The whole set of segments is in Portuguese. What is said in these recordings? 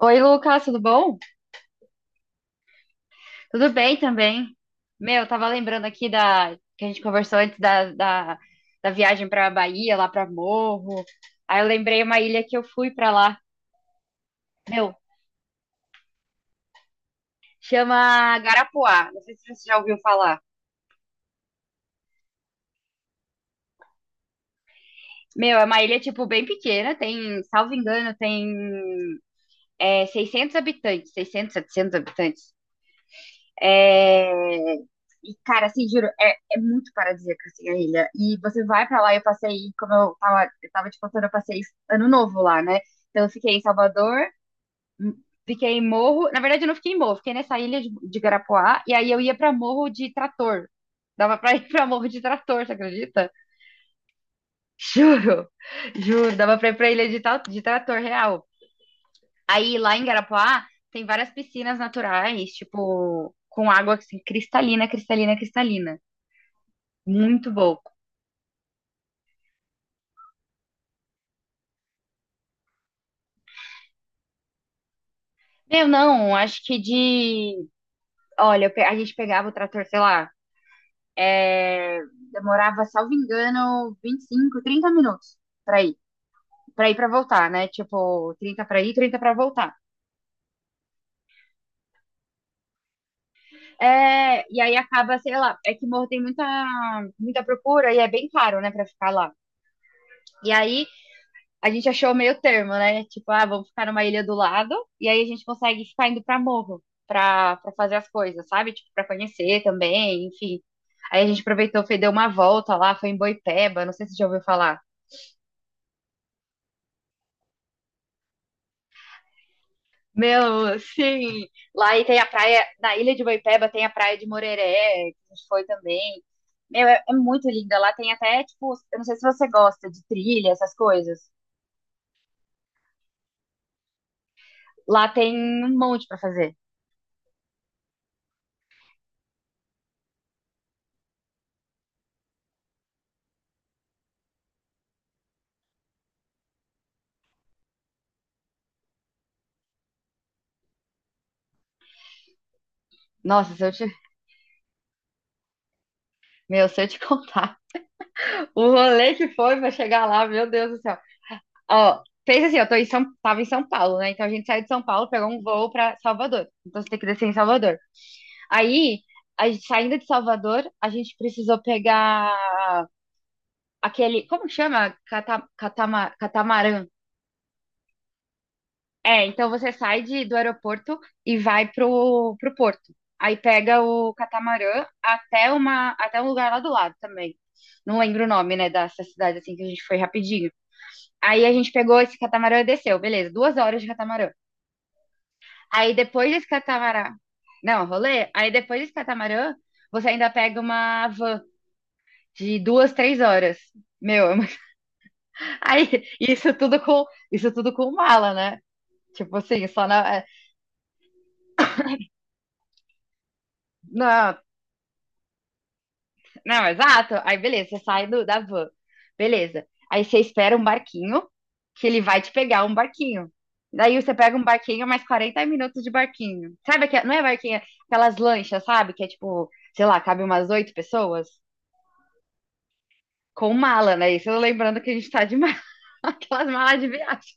Oi, Lucas, tudo bom? Tudo bem também. Meu, eu tava lembrando aqui da que a gente conversou antes da viagem pra Bahia, lá pra Morro. Aí eu lembrei uma ilha que eu fui pra lá. Meu, chama Garapuá. Não sei se você já ouviu falar. Meu, é uma ilha, tipo, bem pequena. Tem, salvo engano, tem 600 habitantes. Seiscentos, 700 habitantes. É, E, cara, assim, juro, é muito paradisíaca, assim, a ilha. E você vai pra lá, eu passei, como eu tava te contando, eu passei ano novo lá, né? Então eu fiquei em Salvador, m- fiquei em Morro. Na verdade, eu não fiquei em Morro, fiquei nessa ilha de Garapuá, e aí eu ia pra Morro de Trator. Dava pra ir pra Morro de Trator, você acredita? Juro, juro, dava pra ir pra ilha de Trator real. Aí lá em Garapuá tem várias piscinas naturais, tipo, com água assim, cristalina, cristalina, cristalina. Muito pouco. Eu não, acho que de. Olha, a gente pegava o trator, sei lá, é, demorava, salvo engano, 25 30 minutos pra ir. Pra ir pra voltar, né? Tipo, 30 pra ir, 30 pra voltar. É, e aí acaba, sei lá, é que Morro tem muita, muita procura e é bem caro, né, pra ficar lá. E aí a gente achou meio termo, né? Tipo, ah, vamos ficar numa ilha do lado e aí a gente consegue ficar indo pra Morro pra, pra fazer as coisas, sabe? Tipo, pra conhecer também, enfim. Aí a gente aproveitou, foi, deu uma volta lá, foi em Boipeba, não sei se você já ouviu falar. Meu, sim. Lá e tem a praia, na Ilha de Boipeba tem a praia de Moreré, que a gente foi também. Meu, é, é muito linda. Lá tem até, tipo, eu não sei se você gosta de trilha, essas coisas. Lá tem um monte pra fazer. Nossa, se eu te, meu, Se eu te contar o rolê que foi pra chegar lá, meu Deus do céu. Ó, fez assim, eu tô em São, tava em São Paulo, né? Então a gente saiu de São Paulo, pegou um voo pra Salvador. Então você tem que descer em Salvador. Aí, saindo de Salvador, a gente precisou pegar aquele, como que chama? Catamarã. É, então você sai do aeroporto e vai pro porto. Aí pega o catamarã até uma, até um lugar lá do lado também. Não lembro o nome, né, dessa cidade assim que a gente foi rapidinho. Aí a gente pegou esse catamarã e desceu, beleza, duas horas de catamarã. Aí depois desse catamarã, não, rolê. Aí depois desse catamarã, você ainda pega uma van de duas, três horas. Meu, é uma- aí isso tudo com mala, né? Tipo assim, não, não, exato. Aí beleza, você sai da van. Beleza. Aí você espera um barquinho, que ele vai te pegar um barquinho. Daí você pega um barquinho, mais 40 minutos de barquinho. Sabe aquela, não é barquinho, é aquelas lanchas, sabe? Que é tipo, sei lá, cabe umas oito pessoas com mala, né? Isso eu lembrando que a gente tá de mala, aquelas malas de viagem.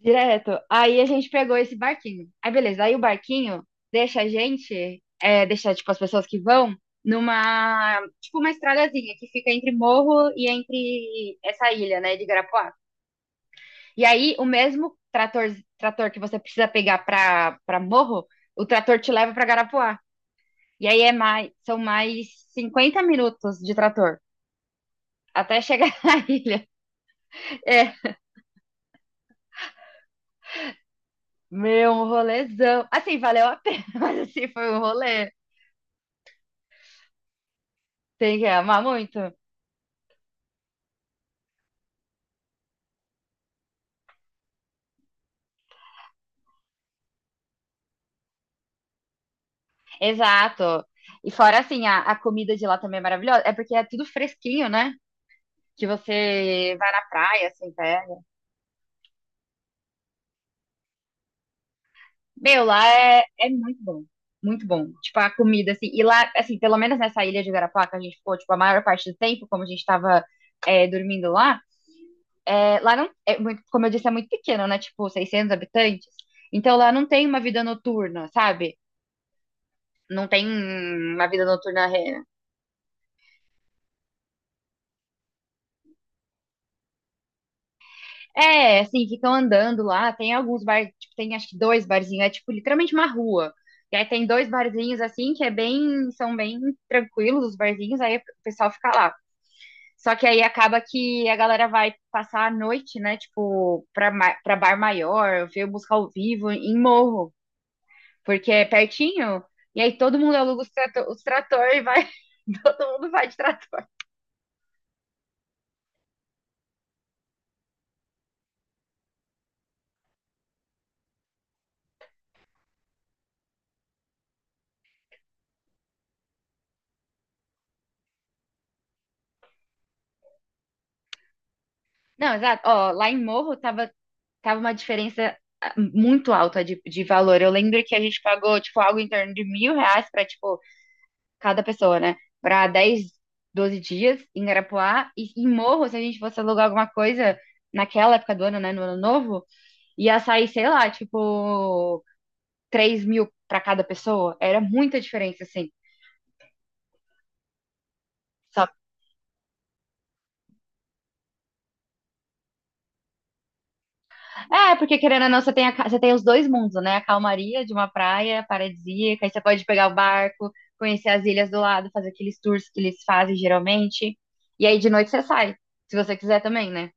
Direto. Aí a gente pegou esse barquinho. Aí beleza, aí o barquinho deixa a gente, é, deixa tipo as pessoas que vão numa, tipo uma estradazinha que fica entre morro e entre essa ilha, né, de Garapuá. E aí o mesmo trator que você precisa pegar pra, pra morro, o trator te leva pra Garapuá. E aí é mais, são mais 50 minutos de trator até chegar na ilha. É, meu, um rolezão. Assim, valeu a pena, mas assim, foi um rolê. Tem que amar muito. Exato. E fora assim, a comida de lá também é maravilhosa. É porque é tudo fresquinho, né? Que você vai na praia, assim, pega. Meu, lá é, é muito bom. Muito bom. Tipo, a comida, assim. E lá, assim, pelo menos nessa ilha de Garapaca, a gente ficou, tipo, a maior parte do tempo, como a gente tava dormindo lá, é, lá não. É muito, como eu disse, é muito pequeno, né? Tipo, 600 habitantes. Então lá não tem uma vida noturna, sabe? Não tem uma vida noturna. É, assim, ficam andando lá. Tem alguns bares, tipo, tem acho que dois barzinhos, é tipo literalmente uma rua. E aí tem dois barzinhos assim que é bem, são bem tranquilos os barzinhos, aí o pessoal fica lá. Só que aí acaba que a galera vai passar a noite, né, tipo, pra, pra bar maior, ver música ao vivo em morro, porque é pertinho. E aí todo mundo aluga os trator e vai, todo mundo vai de trator. Não, exato. Ó, lá em Morro tava uma diferença ah, muito alta de valor. Eu lembro que a gente pagou, tipo, algo em torno de mil reais pra, tipo, cada pessoa, né? Pra 10 12 dias em Garapuá. E em Morro, se a gente fosse alugar alguma coisa naquela época do ano, né? No ano novo, ia sair, sei lá, tipo, 3 mil pra cada pessoa. Era muita diferença, assim. Só é, porque querendo ou não, você tem, você tem os dois mundos, né? A calmaria de uma praia paradisíaca, aí você pode pegar o barco, conhecer as ilhas do lado, fazer aqueles tours que eles fazem geralmente. E aí de noite você sai, se você quiser também, né?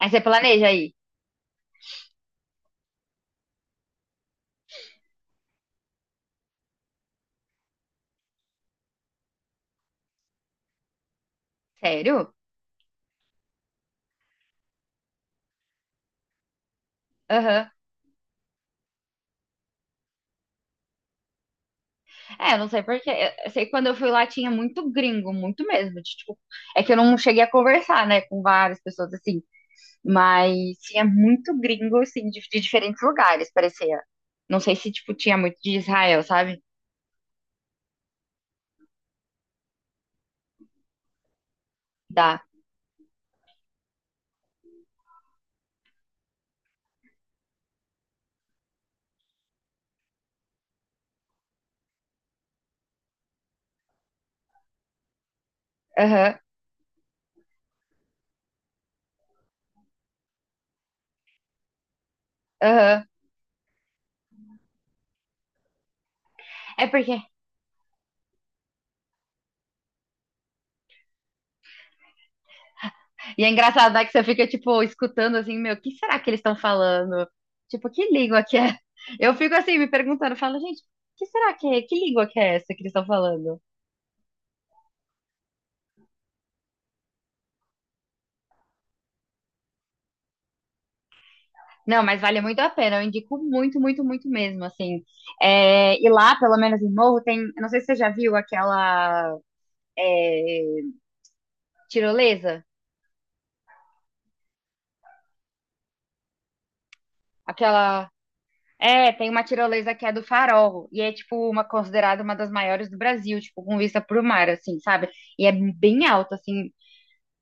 Aí você planeja aí. Sério? Aham. É, eu não sei porque. Eu sei que quando eu fui lá tinha muito gringo, muito mesmo. Tipo, é que eu não cheguei a conversar, né, com várias pessoas assim. Mas tinha muito gringo, assim, de diferentes lugares, parecia. Não sei se, tipo, tinha muito de Israel, sabe? Da Aham, aham. É porque. E é engraçado, né, que você fica, tipo, escutando assim, meu, o que será que eles estão falando? Tipo, que língua que é? Eu fico assim, me perguntando, falo, gente, que será que é? Que língua que é essa que eles estão falando? Não, mas vale muito a pena, eu indico muito, muito, muito mesmo, assim. É, e lá, pelo menos em Morro, tem. Eu Não sei se você já viu aquela é, tirolesa, aquela. É, tem uma tirolesa que é do Farol, e é, tipo, uma considerada uma das maiores do Brasil, tipo, com vista pro mar, assim, sabe? E é bem alta, assim,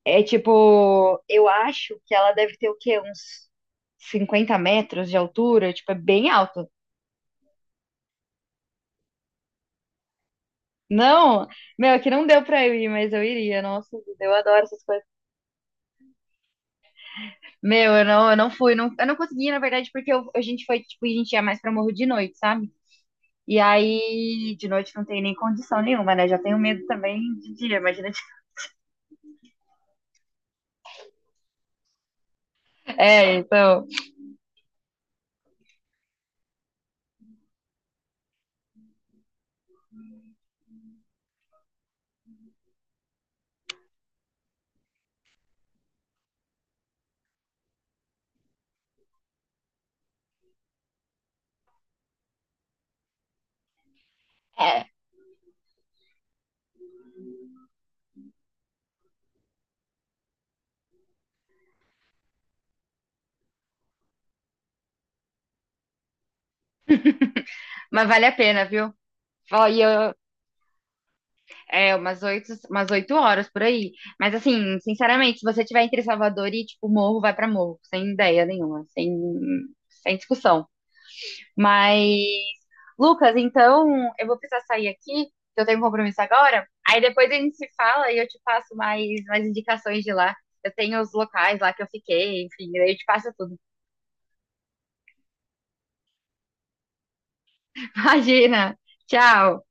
é tipo, eu acho que ela deve ter o quê? Uns 50 metros de altura, tipo, é bem alto. Não, meu, aqui não deu pra eu ir, mas eu iria, nossa, eu adoro essas coisas. Meu, eu não fui, não, eu não consegui, na verdade, porque a gente foi, tipo, a gente ia mais pra Morro de noite, sabe? E aí, de noite não tem nem condição nenhuma, né? Já tenho medo também de dia, imagina. É, então. é, mas vale a pena, viu? Ó, E eu, é, umas oito horas por aí. Mas assim, sinceramente, se você tiver entre Salvador e tipo Morro, vai pra Morro, sem ideia nenhuma, sem, sem discussão. Mas, Lucas, então eu vou precisar sair aqui, que eu tenho um compromisso agora. Aí depois a gente se fala e eu te passo mais, mais indicações de lá. Eu tenho os locais lá que eu fiquei, enfim, aí eu te passo tudo. Imagina. Tchau.